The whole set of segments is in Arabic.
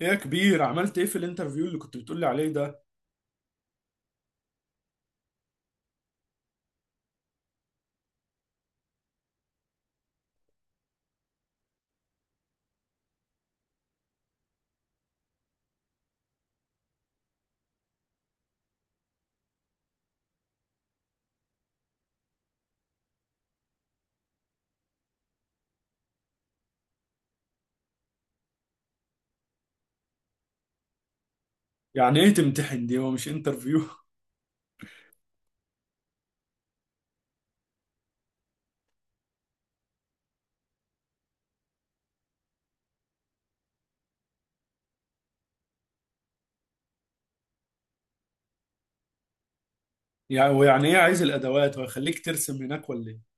ايه يا كبير، عملت ايه في الانترفيو اللي كنت بتقولي عليه ده؟ يعني ايه تمتحن دي؟ هو مش انترفيو؟ يعني ايه عايز الادوات ويخليك ترسم هناك ولا ايه؟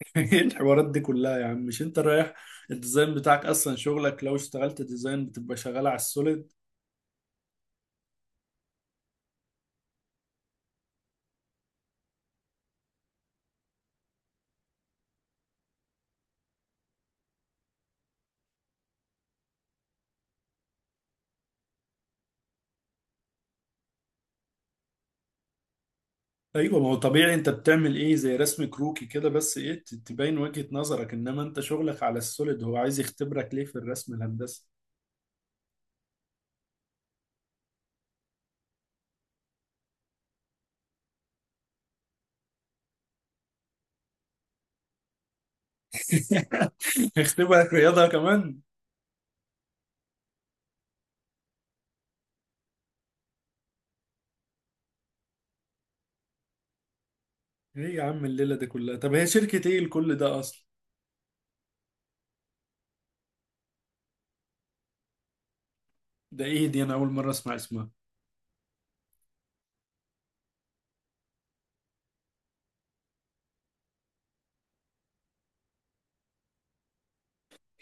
ايه الحوارات دي كلها يا عم؟ مش انت رايح الديزاين بتاعك؟ اصلا شغلك لو اشتغلت ديزاين بتبقى شغال على السوليد. ايوه، ما هو طبيعي. انت بتعمل ايه زي رسم كروكي كده بس، ايه تبين وجهة نظرك، انما انت شغلك على السوليد. هو عايز يختبرك ليه في الرسم الهندسي؟ يختبرك رياضة كمان؟ ايه يا عم الليلة دي كلها؟ طب هي شركة ايه لكل ده اصلا؟ ده ايه دي؟ انا اول مرة اسمع اسمها.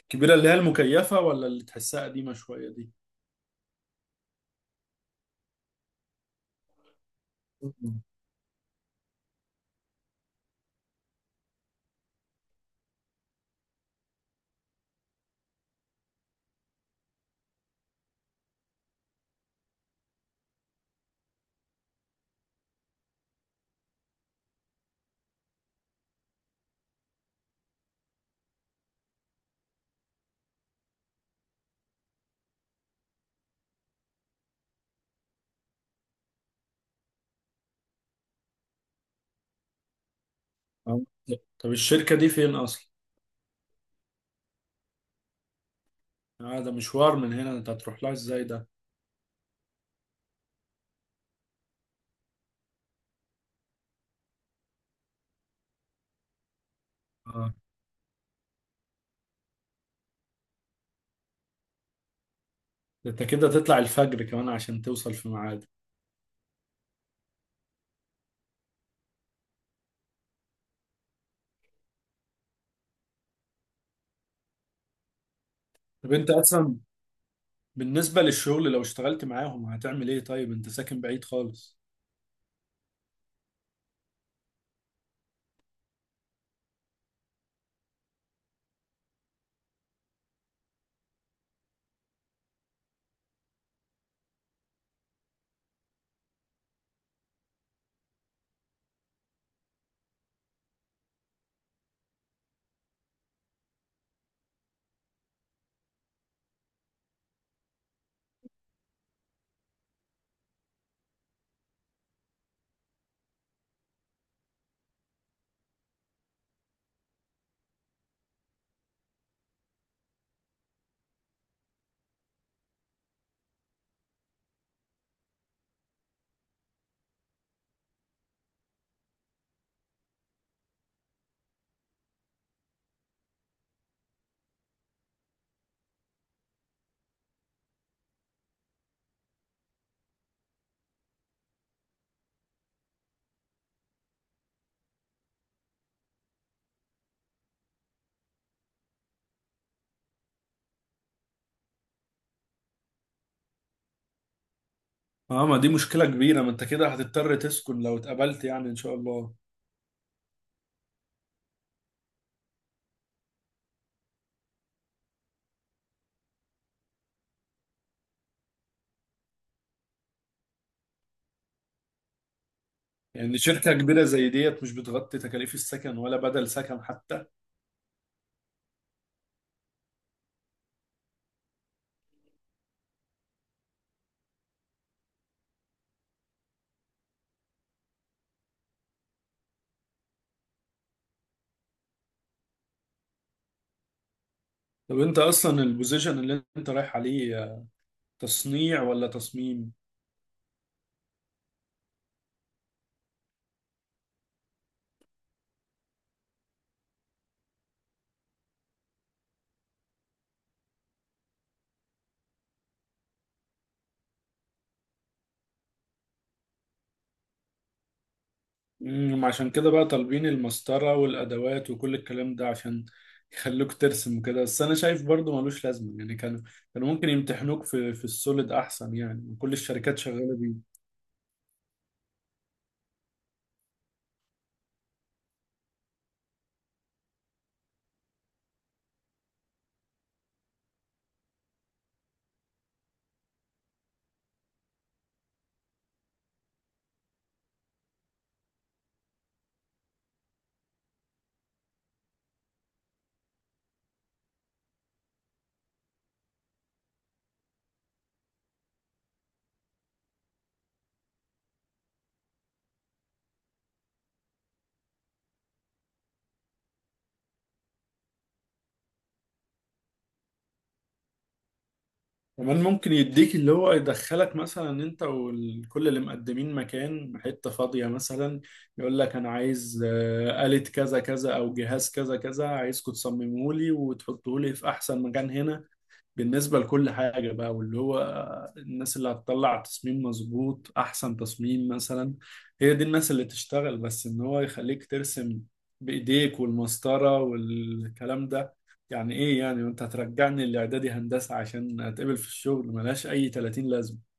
الكبيرة اللي هي المكيفة، ولا اللي تحسها قديمة شوية دي؟ مم. آه. طب الشركة دي فين اصلا؟ آه، ده مشوار من هنا، انت هتروح لها ازاي ده؟ آه. ده انت كده تطلع الفجر كمان عشان توصل في ميعاد. طب انت اصلا بالنسبة للشغل لو اشتغلت معاهم هتعمل ايه؟ طيب انت ساكن بعيد خالص. اه، ما دي مشكلة كبيرة، ما انت كده هتضطر تسكن لو اتقبلت يعني، ان شاء الله. يعني شركة كبيرة زي ديت مش بتغطي تكاليف السكن ولا بدل سكن حتى؟ طب انت اصلا البوزيشن اللي انت رايح عليه تصنيع ولا تصميم؟ عشان كده بقى طالبين المسطرة والادوات وكل الكلام ده عشان يخلوك ترسم وكده، بس انا شايف برضو ملوش لازمة. يعني كانوا كانوا ممكن يمتحنوك في السوليد احسن، يعني كل الشركات شغالة بيه. كمان ممكن يديك اللي هو يدخلك مثلا انت وكل اللي مقدمين مكان حتة فاضية مثلا، يقول لك انا عايز آلة كذا كذا او جهاز كذا كذا، عايزكم تصمموه لي وتحطوه لي في احسن مكان هنا بالنسبة لكل حاجة بقى. واللي هو الناس اللي هتطلع تصميم مظبوط، أحسن تصميم مثلا، هي دي الناس اللي تشتغل. بس إن هو يخليك ترسم بإيديك والمسطرة والكلام ده يعني إيه يعني؟ وأنت هترجعني الإعدادي هندسة عشان أتقبل في الشغل؟ ملهاش أي 30 لازمة.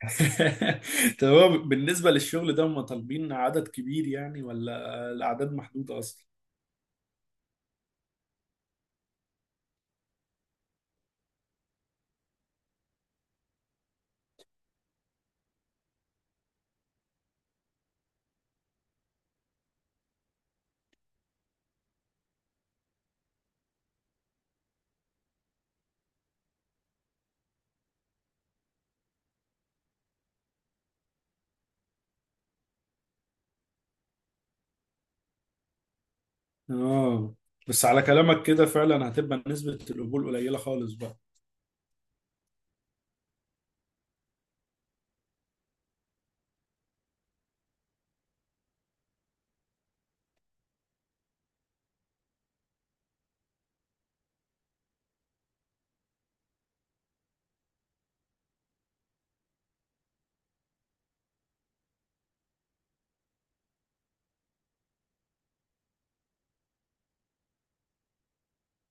طب هو بالنسبة للشغل ده هم طالبين عدد كبير يعني، ولا الأعداد محدودة أصلا؟ آه. بس على كلامك كده فعلا هتبقى نسبة القبول قليلة خالص بقى.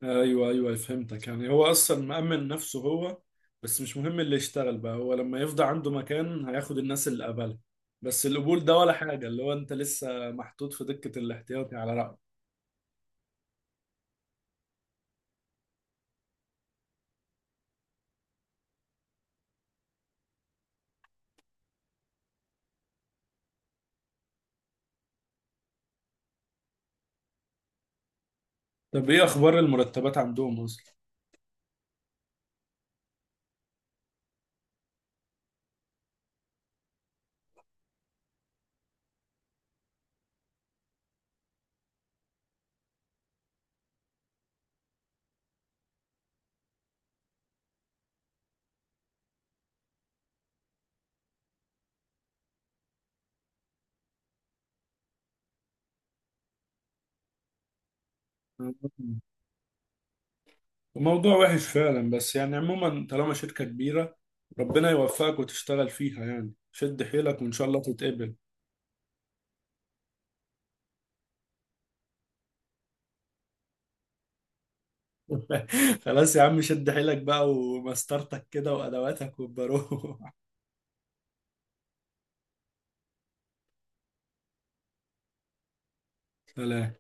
ايوه ايوه، فهمتك. يعني هو اصلا مأمن نفسه هو، بس مش مهم اللي يشتغل بقى، هو لما يفضى عنده مكان هياخد الناس اللي قبلها. بس القبول ده ولا حاجة، اللي هو انت لسه محطوط في دكة الاحتياطي على رأيك. طب ايه اخبار المرتبات عندهم اصلا؟ موضوع وحش فعلا، بس يعني عموما طالما شركة كبيرة، ربنا يوفقك وتشتغل فيها. يعني شد حيلك وان شاء الله تتقبل. خلاص يا عم، شد حيلك بقى ومسطرتك كده وادواتك، وبروح. سلام.